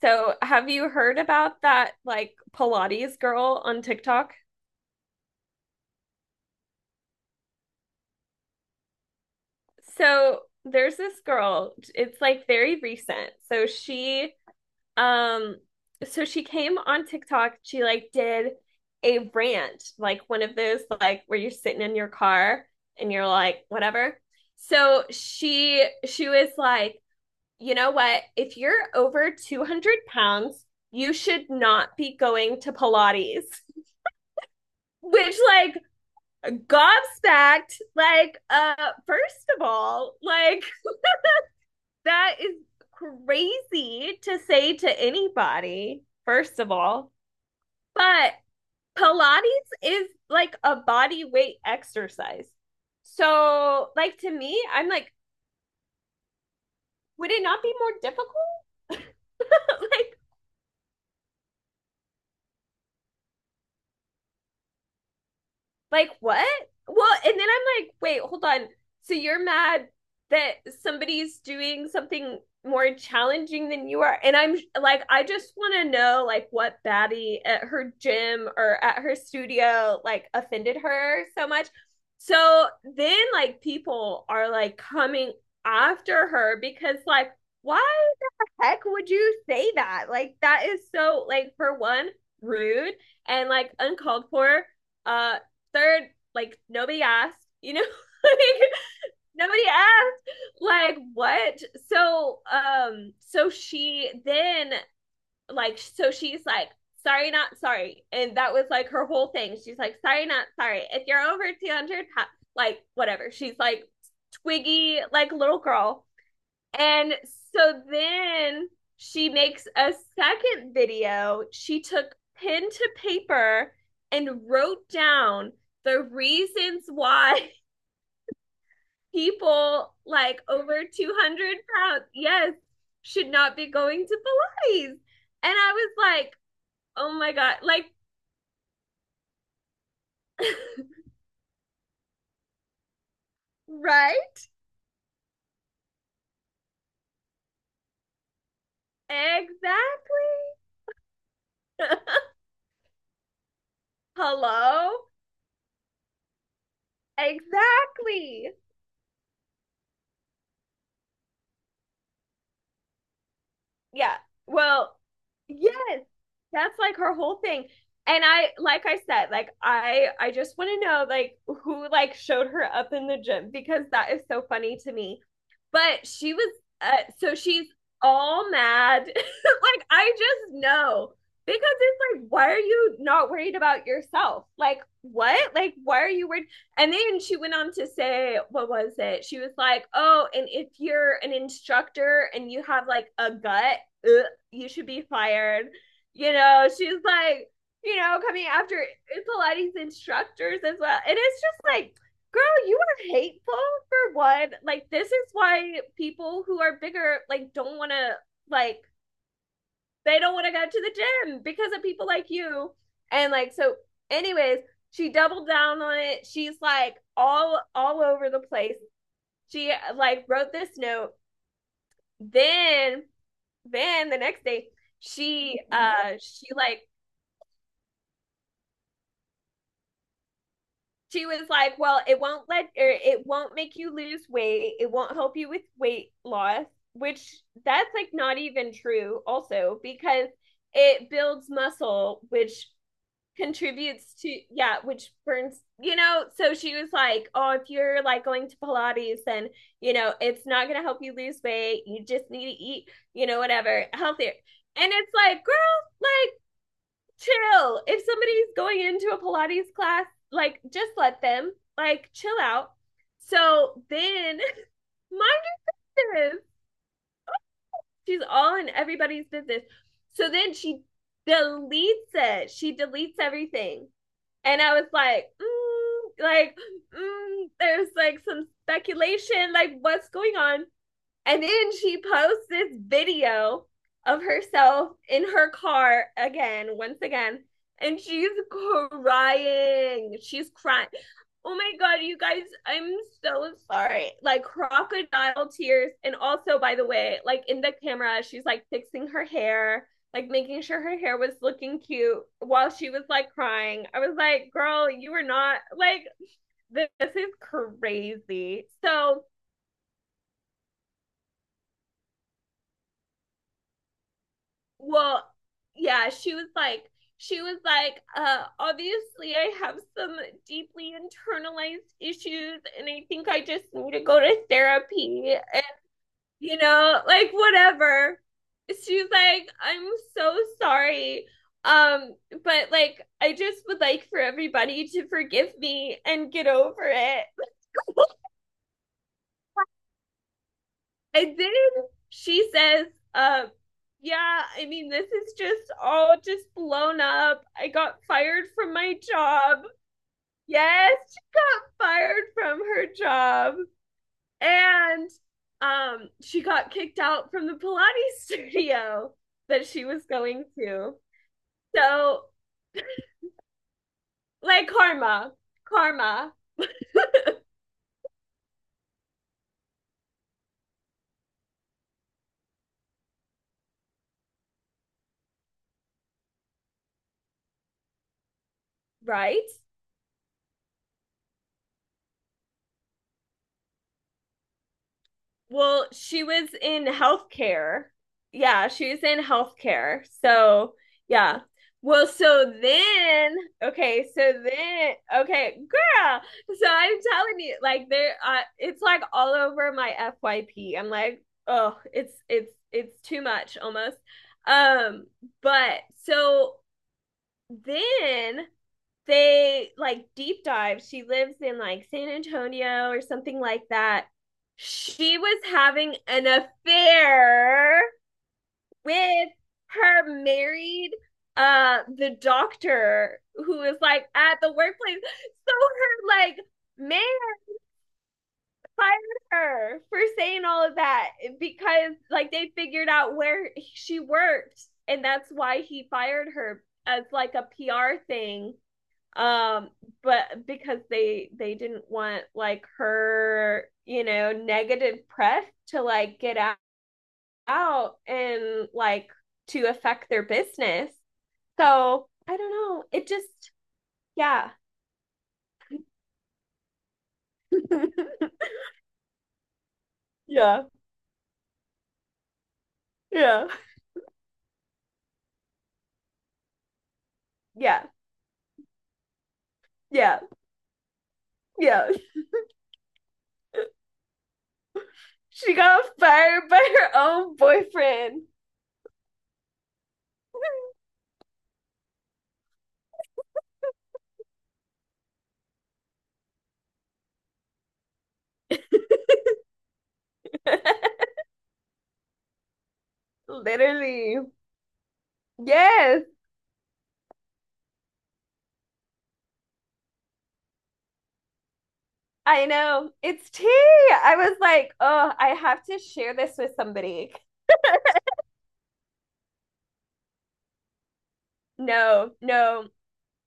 So, have you heard about that like Pilates girl on TikTok? So, there's this girl. It's like very recent. Um so she came on TikTok. She like did a rant, like one of those like where you're sitting in your car and you're like whatever. So, she was like, "You know what? If you're over 200 pounds, you should not be going to Pilates." Which like gobsmacked. Like, first of all, like that is crazy to say to anybody, first of all. But Pilates is like a body weight exercise. So, like to me, I'm like, would it not be more difficult? like like, what? Well, and then I'm like, wait, hold on. So you're mad that somebody's doing something more challenging than you are? And I'm like, I just want to know, like, what baddie at her gym or at her studio, like, offended her so much. So then, like, people are like coming after her because, like, why heck would you say that? Like that is so like for one, rude and like uncalled for. Uh Third, like nobody asked, you know? like nobody asked. Like what? So she then like so she's like sorry not sorry and that was like her whole thing, she's like sorry not sorry if you're over 200, like whatever, she's like twiggy like little girl. And so then she makes a second video. She took pen to paper and wrote down the reasons why people like over 200 pounds, yes, should not be going to Pilates. And I was like, oh my God, like, right? Exactly. Hello? Exactly, yeah. Well, yes. That's like her whole thing. And I like I said, like I just want to know like who like showed her up in the gym because that is so funny to me. But she was, so she's all mad. like, I just know because it's like, why are you not worried about yourself? Like, what? Like, why are you worried? And then she went on to say, what was it? She was like, oh, and if you're an instructor and you have like a gut, ugh, you should be fired. You know, she's like, you know, coming after Pilates instructors as well. And it's just like, girl, you are hateful for one. Like this is why people who are bigger like don't want to like they don't want to go to the gym because of people like you. And like so anyways, she doubled down on it. She's like all over the place. She like wrote this note. Then then the next day she she like she was like, "Well, it won't let or it won't make you lose weight. It won't help you with weight loss." Which that's like not even true also because it builds muscle which contributes to yeah which burns, you know. So she was like, oh, if you're like going to Pilates then, you know, it's not going to help you lose weight, you just need to eat, you know, whatever, healthier. And it's like, girl, like chill. If somebody's going into a Pilates class, like just let them, like chill out. So then, mind you, this, she's all in everybody's business. So then she deletes it. She deletes everything, and I was like, there's like some speculation, like what's going on. And then she posts this video of herself in her car again, once again, and she's crying. She's crying. Oh my God, you guys, I'm so sorry. Like crocodile tears. And also, by the way, like in the camera, she's like fixing her hair, like making sure her hair was looking cute while she was like crying. I was like, girl, you were not like, this is crazy. So, well, yeah, she was like, obviously I have some deeply internalized issues and I think I just need to go to therapy and, you know, like whatever. She's like, I'm so sorry. Um, but like I just would like for everybody to forgive me and get over it. And then she says, uh, yeah, I mean, this is just all just blown up. I got fired from my job. Yes, she got fired from her job. And she got kicked out from the Pilates studio that she was going to. So, like karma, karma, right? Well, she was in healthcare. Yeah, she was in healthcare. So, yeah. Well, so then, okay, girl. So I'm telling you, like there, it's like all over my FYP. I'm like, oh, it's too much almost. Um, but so then they like deep dive. She lives in like San Antonio or something like that. She was having an affair with her married the doctor who is like at the workplace. So her like man fired her for saying all of that because like they figured out where she worked, and that's why he fired her as like a PR thing, um but because they didn't want like her, you know, negative press to like get out and like to affect their business. So I don't know, it just, yeah. Yeah, yeah, yeah, yeah, yeah. She got fired by her own boyfriend. Literally, yes. I know. It's tea. I was like, oh, I have to share this with somebody. No, no.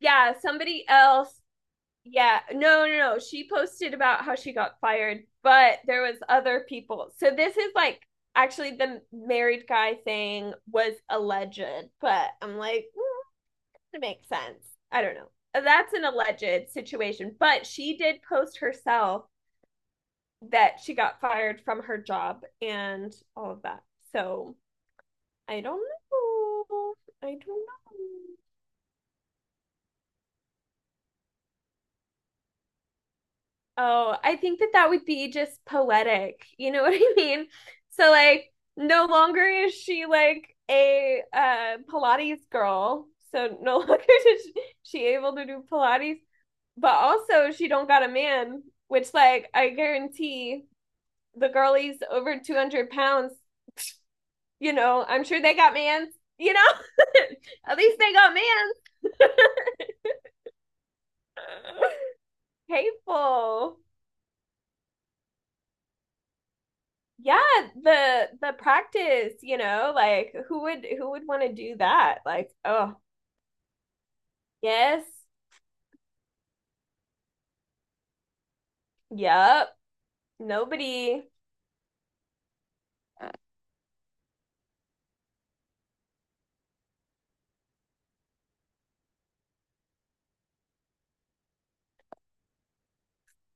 Yeah, somebody else. Yeah, no, no, no. She posted about how she got fired, but there was other people. So this is like actually the married guy thing was alleged, but I'm like, mm, it makes sense. I don't know. That's an alleged situation, but she did post herself that she got fired from her job and all of that. So I don't know. I don't know. Oh, I think that that would be just poetic. You know what I mean? So like no longer is she like a Pilates girl. So no longer is she able to do Pilates, but also she don't got a man, which like I guarantee the girlies over 200 pounds, you know, I'm sure they got mans, you know? At least they got mans. Hateful. Yeah, the practice, you know, like who would want to do that, like oh yes, yep, nobody,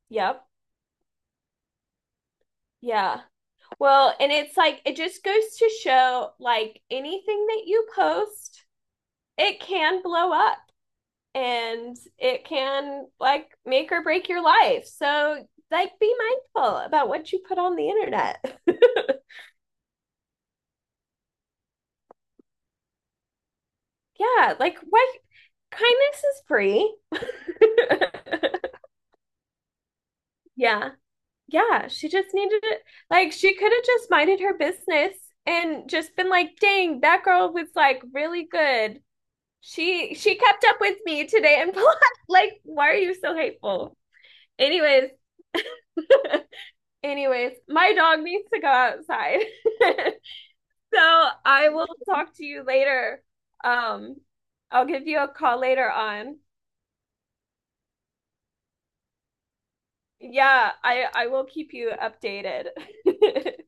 yep. Yeah, well, and it's like it just goes to show like anything that you post, it can blow up and it can like make or break your life. So like be mindful about what you put on the internet. Yeah, like what, kindness is free. Yeah, yeah, she just needed it. Like, she could have just minded her business and just been like, dang, that girl was like really good. She kept up with me today and like, why are you so hateful? Anyways, anyways, my dog needs to go outside. So I will talk to you later. Um, I'll give you a call later on. Yeah, I will keep you updated.